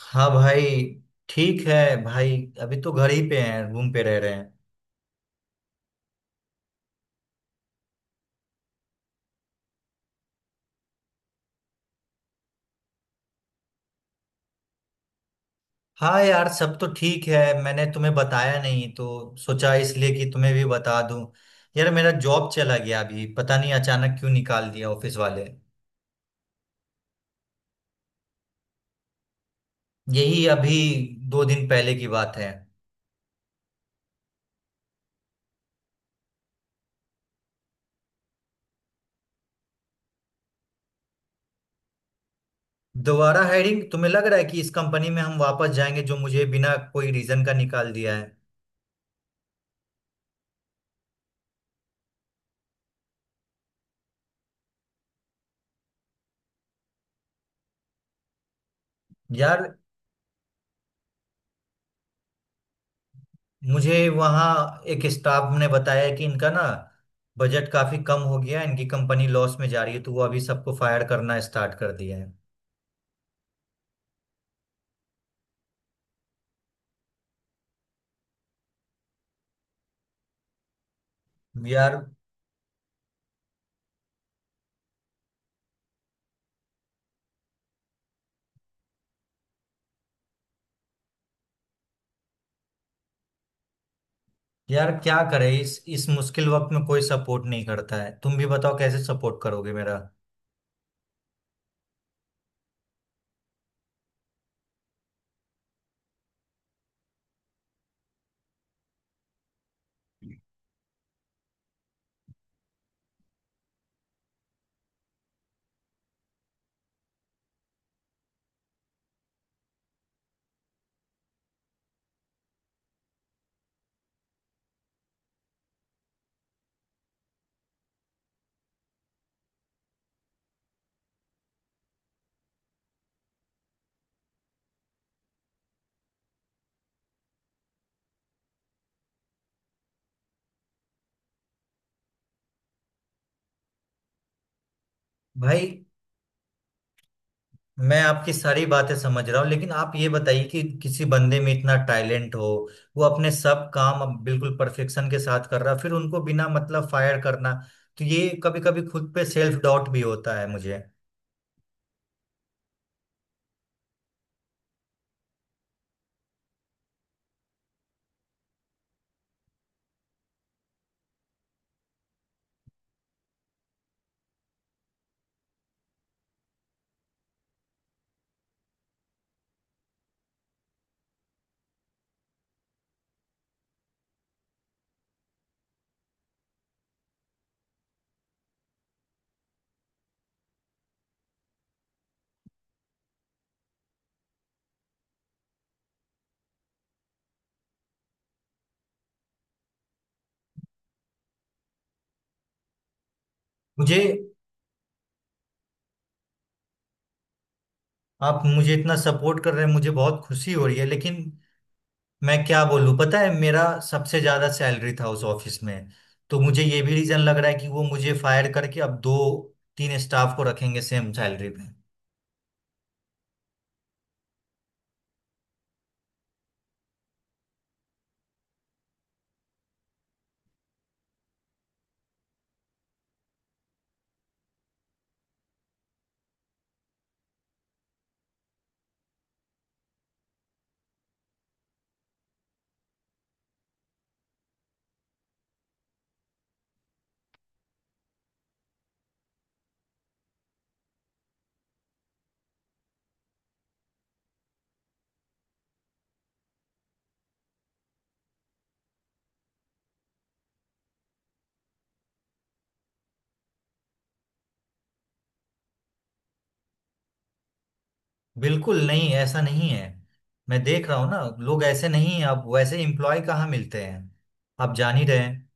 हाँ भाई। ठीक है भाई। अभी तो घर ही पे हैं, रूम पे रह रहे हैं। हाँ यार, सब तो ठीक है। मैंने तुम्हें बताया नहीं, तो सोचा इसलिए कि तुम्हें भी बता दूं। यार मेरा जॉब चला गया, अभी पता नहीं अचानक क्यों निकाल दिया ऑफिस वाले। यही अभी दो दिन पहले की बात है। दोबारा हायरिंग? तुम्हें लग रहा है कि इस कंपनी में हम वापस जाएंगे, जो मुझे बिना कोई रीजन का निकाल दिया है? यार मुझे वहाँ एक स्टाफ ने बताया कि इनका ना बजट काफी कम हो गया है, इनकी कंपनी लॉस में जा रही है, तो वो अभी सबको फायर करना स्टार्ट कर दिया है। यार यार क्या करे, इस मुश्किल वक्त में कोई सपोर्ट नहीं करता है। तुम भी बताओ कैसे सपोर्ट करोगे मेरा। भाई मैं आपकी सारी बातें समझ रहा हूँ, लेकिन आप ये बताइए कि किसी बंदे में इतना टैलेंट हो, वो अपने सब काम अब बिल्कुल परफेक्शन के साथ कर रहा है, फिर उनको बिना मतलब फायर करना, तो ये कभी कभी खुद पे सेल्फ डाउट भी होता है मुझे। मुझे आप मुझे इतना सपोर्ट कर रहे हैं, मुझे बहुत खुशी हो रही है। लेकिन मैं क्या बोलूं, पता है मेरा सबसे ज्यादा सैलरी था उस ऑफिस में। तो मुझे ये भी रीजन लग रहा है कि वो मुझे फायर करके अब दो तीन स्टाफ को रखेंगे सेम सैलरी पे। बिल्कुल नहीं, ऐसा नहीं है। मैं देख रहा हूँ ना, लोग ऐसे नहीं हैं। अब वैसे एम्प्लॉय कहाँ मिलते हैं, आप जान ही रहे हैं।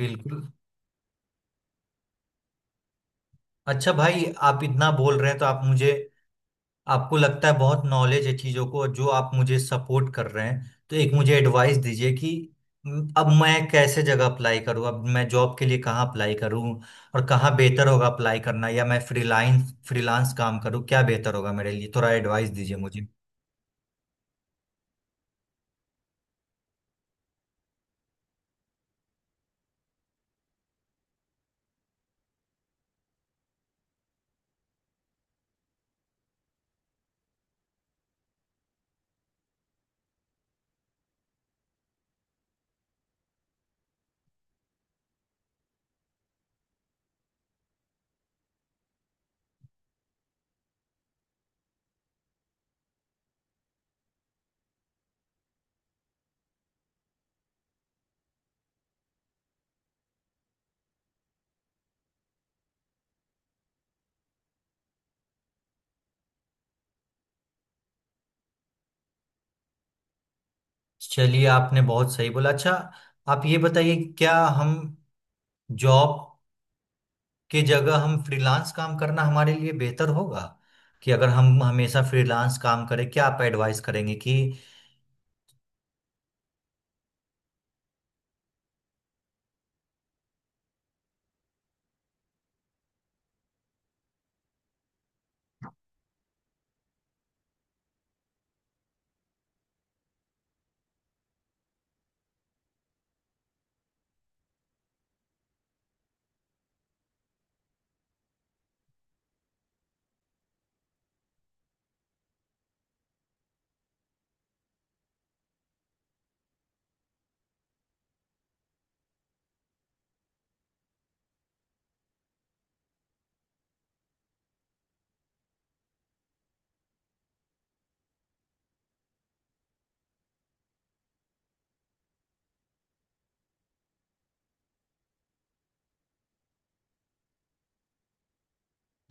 बिल्कुल। अच्छा भाई, आप इतना बोल रहे हैं तो आप मुझे, आपको लगता है बहुत नॉलेज है चीजों को, जो आप मुझे सपोर्ट कर रहे हैं, तो एक मुझे एडवाइस दीजिए कि अब मैं कैसे जगह अप्लाई करूं, अब मैं जॉब के लिए कहाँ अप्लाई करूं, और कहाँ बेहतर होगा अप्लाई करना, या मैं फ्रीलांस फ्रीलांस काम करूं, क्या बेहतर होगा मेरे लिए, थोड़ा एडवाइस दीजिए मुझे। चलिए आपने बहुत सही बोला। अच्छा आप ये बताइए, क्या हम जॉब के जगह हम फ्रीलांस काम करना हमारे लिए बेहतर होगा, कि अगर हम हमेशा फ्रीलांस काम करें, क्या आप एडवाइस करेंगे कि।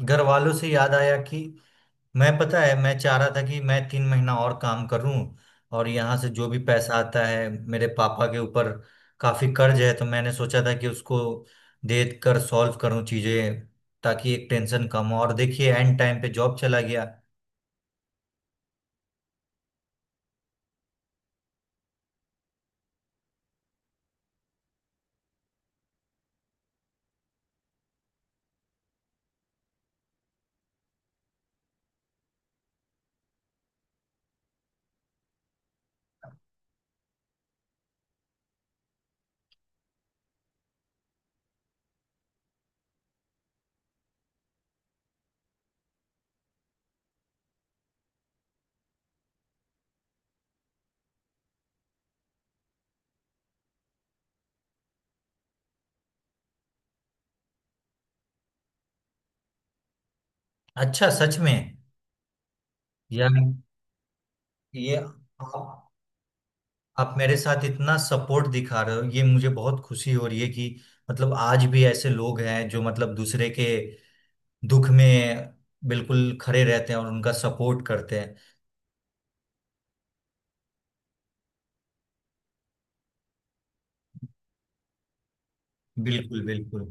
घर वालों से याद आया कि, मैं पता है मैं चाह रहा था कि मैं 3 महीना और काम करूं, और यहाँ से जो भी पैसा आता है, मेरे पापा के ऊपर काफी कर्ज है, तो मैंने सोचा था कि उसको दे कर सॉल्व करूं चीजें, ताकि एक टेंशन कम हो। और देखिए एंड टाइम पे जॉब चला गया। अच्छा, सच में? यार ये आप मेरे साथ इतना सपोर्ट दिखा रहे हो, ये मुझे बहुत खुशी हो रही है कि मतलब आज भी ऐसे लोग हैं जो मतलब दूसरे के दुख में बिल्कुल खड़े रहते हैं और उनका सपोर्ट करते हैं। बिल्कुल, बिल्कुल।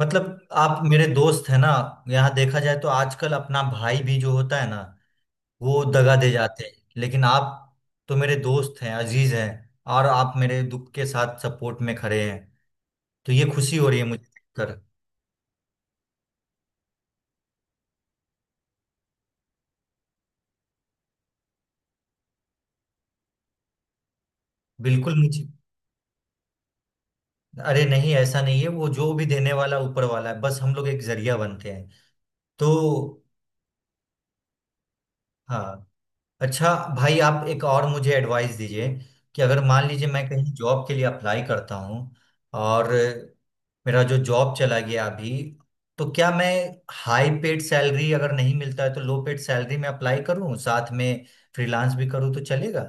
मतलब आप मेरे दोस्त है ना। यहाँ देखा जाए तो आजकल अपना भाई भी जो होता है ना, वो दगा दे जाते हैं, लेकिन आप तो मेरे दोस्त हैं, अजीज हैं, और आप मेरे दुख के साथ सपोर्ट में खड़े हैं, तो ये खुशी हो रही है मुझे देखकर। बिल्कुल। मुझे, अरे नहीं ऐसा नहीं है, वो जो भी देने वाला ऊपर वाला है, बस हम लोग एक जरिया बनते हैं तो। हाँ। अच्छा भाई, आप एक और मुझे एडवाइस दीजिए कि अगर मान लीजिए मैं कहीं जॉब के लिए अप्लाई करता हूँ, और मेरा जो जॉब चला गया अभी, तो क्या मैं हाई पेड सैलरी अगर नहीं मिलता है तो लो पेड सैलरी में अप्लाई करूँ, साथ में फ्रीलांस भी करूँ, तो चलेगा?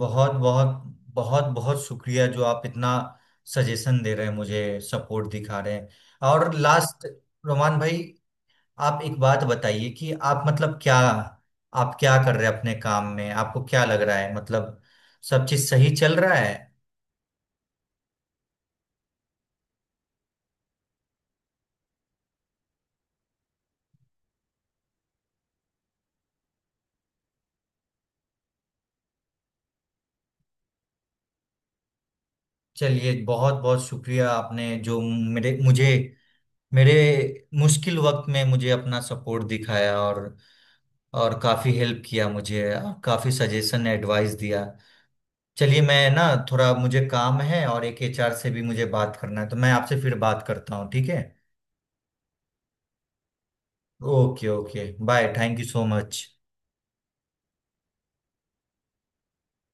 बहुत बहुत बहुत बहुत शुक्रिया जो आप इतना सजेशन दे रहे हैं, मुझे सपोर्ट दिखा रहे हैं। और लास्ट, रोमान भाई, आप एक बात बताइए कि आप मतलब क्या, आप क्या कर रहे हैं अपने काम में, आपको क्या लग रहा है, मतलब सब चीज सही चल रहा है? चलिए बहुत बहुत शुक्रिया, आपने जो मेरे मुझे मेरे मुश्किल वक्त में मुझे अपना सपोर्ट दिखाया, और काफी हेल्प किया मुझे, और काफी सजेशन एडवाइस दिया। चलिए मैं ना थोड़ा मुझे काम है, और एक एचआर से भी मुझे बात करना है, तो मैं आपसे फिर बात करता हूँ, ठीक है? Okay okay, bye, thank you so much.